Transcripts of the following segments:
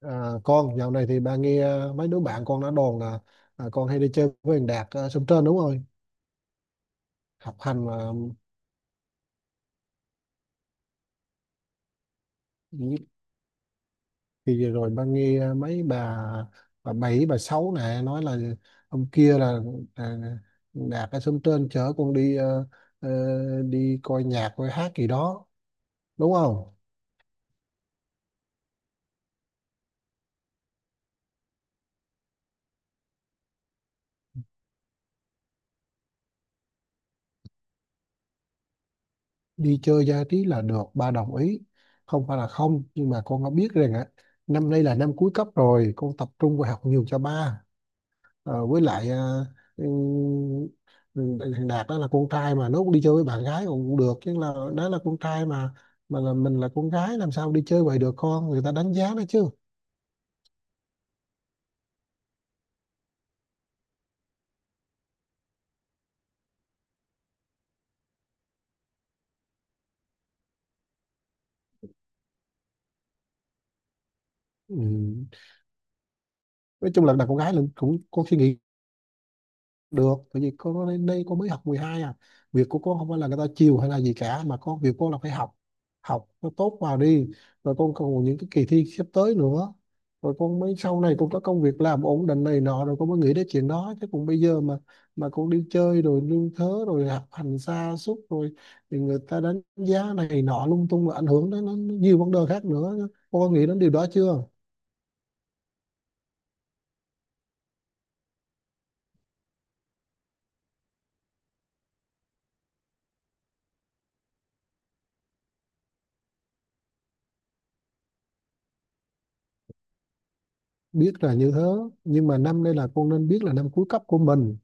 Con dạo này thì ba nghe mấy đứa bạn con đã đồn là con hay đi chơi với thằng Đạt ở Sông Trên đúng không? Học hành mà. Ừ, thì vừa rồi ba nghe mấy bà bảy bà sáu này nói là hôm kia là, à, Đạt ở Sông Trên chở con đi ờ, đi coi nhạc coi hát gì đó đúng không? Đi chơi giải trí là được, ba đồng ý, không phải là không, nhưng mà con đã biết rằng á năm nay là năm cuối cấp rồi, con tập trung vào học nhiều cho ba. Với lại ừ, ừ, thằng Đạt đó là con trai mà nó cũng đi chơi với bạn gái cũng cũng được chứ, là đó là con trai mà là mình là con gái làm sao đi chơi vậy được, con người ta đánh giá nó chứ. Ừ, nói chung là đàn con gái là cũng có suy nghĩ được, tại vì cô lên đây cô mới học 12 à, việc của cô không phải là người ta chiều hay là gì cả mà có việc cô là phải học, học nó tốt vào đi, rồi con còn những cái kỳ thi sắp tới nữa, rồi con mới sau này con có công việc làm ổn định này nọ rồi con mới nghĩ đến chuyện đó chứ, còn bây giờ mà con đi chơi rồi lương thớ rồi học hành sa sút rồi thì người ta đánh giá này nọ lung tung và ảnh hưởng đến nó nhiều vấn đề khác nữa, con có nghĩ đến điều đó chưa? Biết là như thế, nhưng mà năm đây là con nên biết là năm cuối cấp của mình,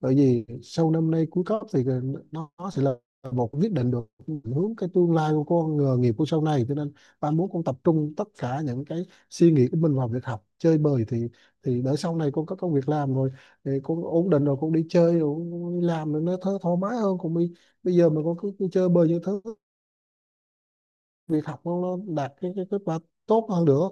bởi vì sau năm nay cuối cấp thì nó sẽ là một quyết định được hướng cái tương lai của con, nghề nghiệp của sau này, cho nên ba muốn con tập trung tất cả những cái suy nghĩ của mình vào việc học, chơi bời thì để sau này con có công việc làm rồi thì con ổn định rồi con đi chơi rồi con đi làm rồi nó thơ thoải mái hơn, còn bây bây giờ mà con cứ chơi bời như thứ, việc học nó đạt cái kết quả tốt hơn được.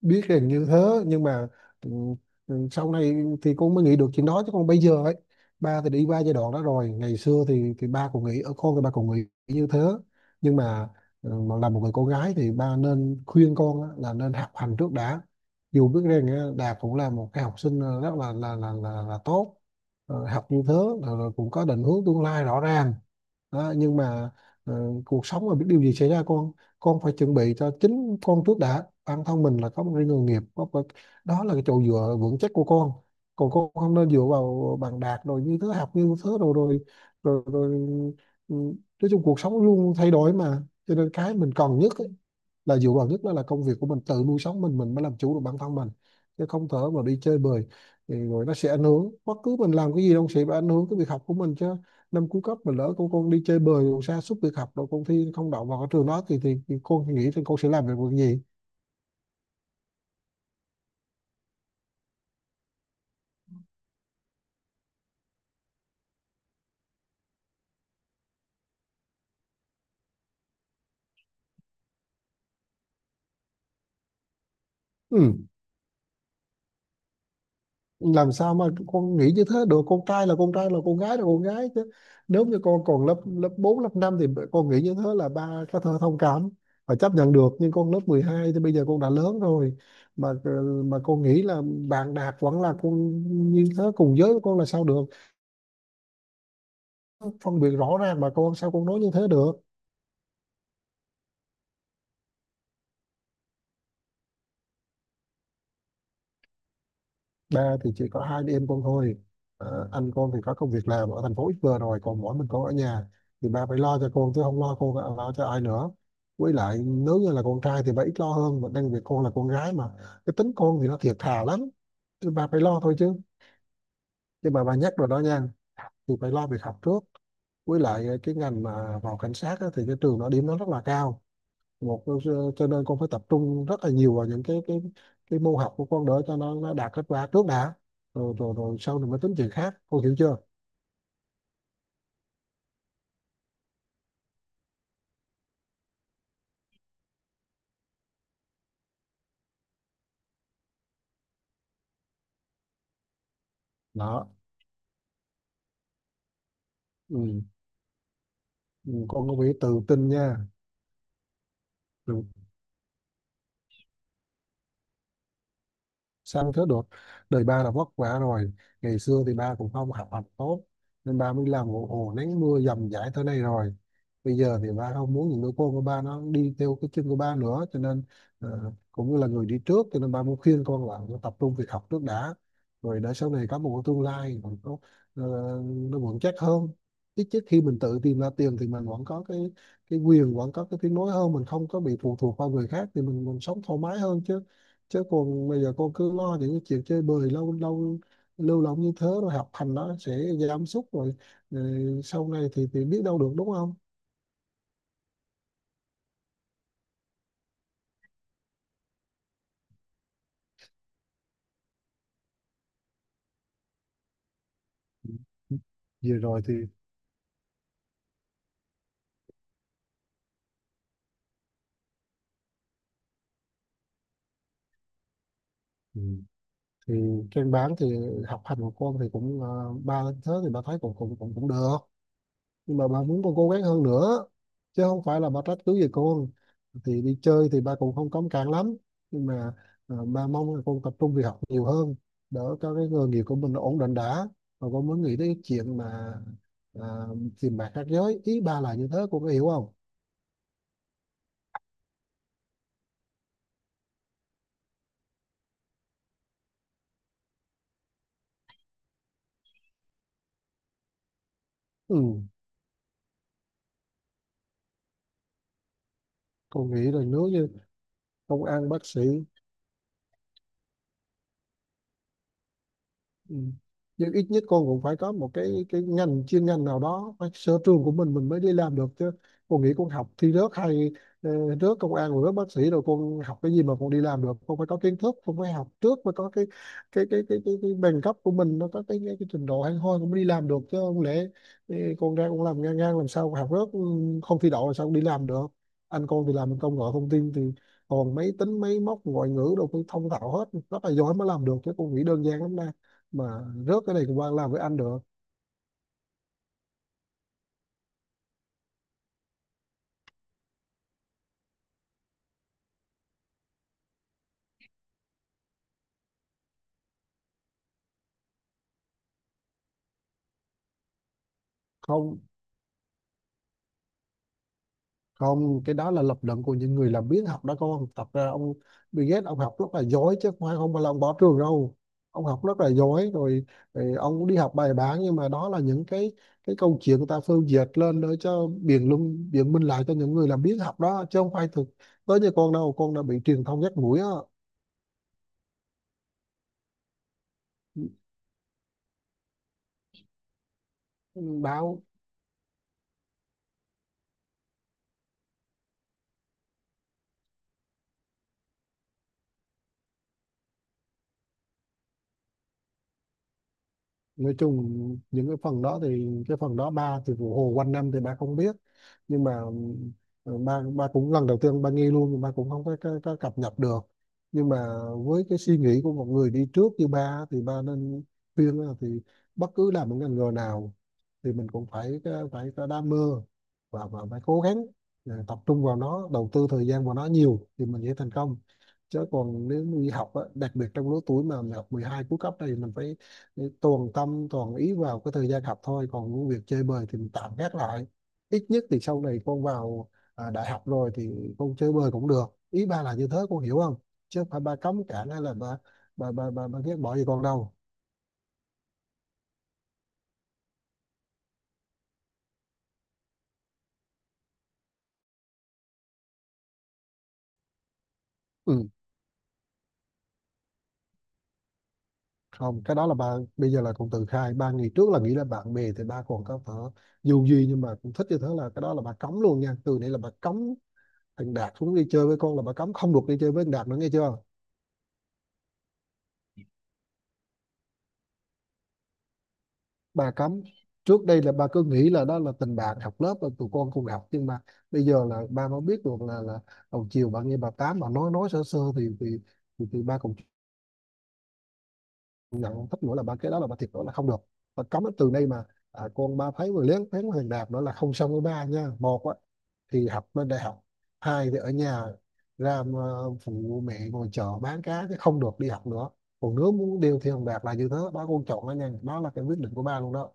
Biết hình như thế, nhưng mà ừ, sau này thì con mới nghĩ được chuyện đó chứ, còn bây giờ ấy ba thì đi qua giai đoạn đó rồi, ngày xưa thì ba cũng nghĩ ở con thì ba cũng nghĩ như thế. Nhưng mà, mà là một người con gái thì ba nên khuyên con á, là nên học hành trước đã, dù biết rằng á, Đạt cũng là một cái học sinh rất là tốt. Học như thế rồi, cũng có định hướng tương lai rõ ràng đó, nhưng mà ờ, cuộc sống mà biết điều gì xảy ra con phải chuẩn bị cho chính con trước đã, bản thân mình là có một cái nghề nghiệp đó là cái chỗ dựa vững chắc của con, còn con không nên dựa vào bằng đạt rồi như thứ học như thứ rồi ừ, nói chung cuộc sống luôn thay đổi mà, cho nên cái mình cần nhất ấy là dựa vào nhất đó là công việc của mình tự nuôi sống mình mới làm chủ được bản thân mình, chứ không thể mà đi chơi bời thì rồi nó sẽ ảnh hưởng, bất cứ mình làm cái gì đâu sẽ bị ảnh hưởng cái việc học của mình chứ. Năm cuối cấp mà lỡ con đi chơi bời rồi sa sút việc học rồi con thi không đậu vào cái trường đó thì thì con nghĩ thì con sẽ làm được việc gì? Ừ. Làm sao mà con nghĩ như thế được, con trai là con trai, là con gái chứ. Nếu như con còn lớp lớp 4 lớp 5 thì con nghĩ như thế là ba có thể thông cảm và chấp nhận được, nhưng con lớp 12 thì bây giờ con đã lớn rồi mà mà con nghĩ là bạn đạt vẫn là con như thế cùng giới của con là sao được, phân biệt rõ ràng mà con sao con nói như thế được. Ba thì chỉ có hai đứa em con thôi, ờ, anh con thì có công việc làm ở thành phố ít vừa rồi, còn mỗi mình con ở nhà thì ba phải lo cho con chứ không lo con lo cho ai nữa, với lại nếu như là con trai thì ba ít lo hơn mà đang việc con là con gái mà, cái tính con thì nó thiệt thà lắm thì ba phải lo thôi chứ. Nhưng mà ba nhắc rồi đó nha, thì phải lo việc học trước, với lại cái ngành mà vào cảnh sát á, thì cái trường nó điểm nó rất là cao, một cho nên con phải tập trung rất là nhiều vào những cái cái môn học của con đỡ cho nó đạt kết quả trước đã, rồi rồi rồi sau này mới tính chuyện khác, con hiểu chưa? Đó. Ừ. Ừ, con có phải tự tin nha. Rồi sang thế đột, đời ba là vất vả rồi, ngày xưa thì ba cũng không học hành tốt nên ba mới làm ồ ồ nắng mưa dầm dãi tới đây rồi, bây giờ thì ba không muốn những đứa con của ba nó đi theo cái chân của ba nữa cho nên cũng như là người đi trước cho nên ba muốn khuyên con là tập trung việc học trước đã, rồi để sau này có một cái tương lai còn có, ờ, nó vững chắc hơn. Ít nhất khi mình tự tìm ra tiền thì mình vẫn có cái quyền, vẫn có cái tiếng nói hơn, mình không có bị phụ thuộc vào người khác thì mình sống thoải mái hơn chứ. Chứ còn bây giờ cô cứ lo những cái chuyện chơi bời, lâu lâu lưu lộng như thế rồi học hành nó sẽ giảm sút rồi, sau này thì biết đâu được đúng không? Vừa rồi thì. Ừ. Thì trên bán thì học hành của con thì cũng, ba thế thì ba thấy cũng cũng cũng cũng được, nhưng mà bà muốn con cố gắng hơn nữa chứ không phải là bà trách cứ về con. Thì đi chơi thì ba cũng không cấm cản lắm, nhưng mà ba mong là con tập trung việc học nhiều hơn, đỡ cho cái nghề nghiệp của mình nó ổn định đã, và con mới nghĩ đến chuyện mà à, tìm bạn khác giới, ý ba là như thế con có hiểu không? ừ con nghĩ là nếu như công an, bác sĩ. Ừ. Nhưng ít nhất con cũng phải có một cái ngành chuyên ngành nào đó phải sở trường của mình mới đi làm được chứ. Con nghĩ con học thi rớt hay ờ, rớt công an rồi rớt bác sĩ rồi con học cái gì mà con đi làm được? Con phải có kiến thức, con phải học trước mới có cái bằng cấp của mình, nó có cái trình độ hay thôi con mới đi làm được chứ, không lẽ ờ, con ra con làm ngang ngang làm sao, học rớt, không thi đậu làm sao con đi làm được. Anh con thì làm công nghệ thông tin thì còn máy tính máy móc ngoại ngữ đâu phải thông thạo hết, rất là giỏi mới làm được chứ, con nghĩ đơn giản lắm mà rớt cái này của bạn làm với anh được. Không, không, cái đó là lập luận của những người làm biến học đó con, tập ra ông Bill Gates, ông học rất là giỏi chứ không phải là ông bỏ trường đâu, ông học rất là giỏi rồi, rồi ông đi học bài bản, nhưng mà đó là những cái câu chuyện người ta phân dệt lên để cho biện luận biện minh lại cho những người làm biến học đó chứ không phải thực tới, như con đâu con đã bị truyền thông dắt mũi á, báo. Nói chung những cái phần đó thì cái phần đó ba thì vụ hồ quanh năm thì ba không biết, nhưng mà ba ba cũng lần đầu tiên ba nghe luôn, nhưng ba cũng không có cập nhật được, nhưng mà với cái suy nghĩ của một người đi trước như ba thì ba nên khuyên là thì bất cứ làm một ngành nghề nào thì mình cũng phải phải có đam mê và, phải cố gắng, tập trung vào nó, đầu tư thời gian vào nó nhiều thì mình sẽ thành công, chứ còn nếu đi học á, đặc biệt trong lứa tuổi mà học 12 cuối cấp này mình phải để toàn tâm toàn ý vào cái thời gian học thôi, còn việc chơi bời thì mình tạm gác lại, ít nhất thì sau này con vào đại học rồi thì con chơi bời cũng được, ý ba là như thế con hiểu không? Chứ không phải ba cấm cản hay là ba ba ba ba, ba ghét bỏ gì con đâu. Ừ. Không, cái đó là ba bây giờ là con tự khai, ba ngày trước là nghĩ là bạn bè thì ba còn có thể dù gì, nhưng mà cũng thích như thế là cái đó là ba cấm luôn nha, từ đây là ba cấm thằng Đạt xuống đi chơi với con, là ba cấm, không được đi chơi với thằng Đạt nữa nghe chưa? Bà cấm. Trước đây là ba cứ nghĩ là đó là tình bạn học lớp là tụi con cùng học, nhưng mà bây giờ là ba mới biết được là đầu chiều bà nghe bà tám bà nói sơ sơ thì thì ba cũng nhận không thích nữa là ba, cái đó là ba thiệt đó là không được. Bà cấm từ đây mà, con ba thấy người lén phén Hoàng Đạt nữa là không xong với ba nha. Một á thì học lên đại học, hai thì ở nhà ra mà phụ mẹ ngồi chợ bán cá chứ không được đi học nữa, còn nếu muốn điều thì Hoàng Đạt là như thế đó con chọn nó nha, đó là cái quyết định của ba luôn đó.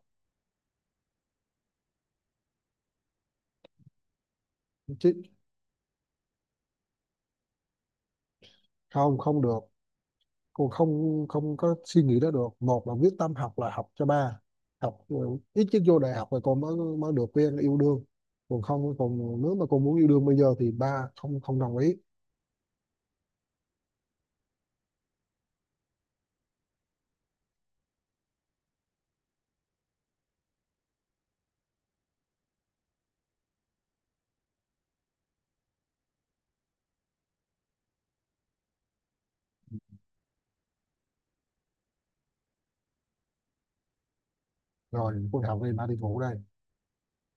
Chứ không, không được. Cô không, không có suy nghĩ đó được, một là quyết tâm học là học cho ba học, ít chứ vô đại học rồi cô mới mới được quen yêu đương, còn không còn nếu mà cô muốn yêu đương bây giờ thì ba không, không đồng ý. Rồi cô học đi, ba đi ngủ đây.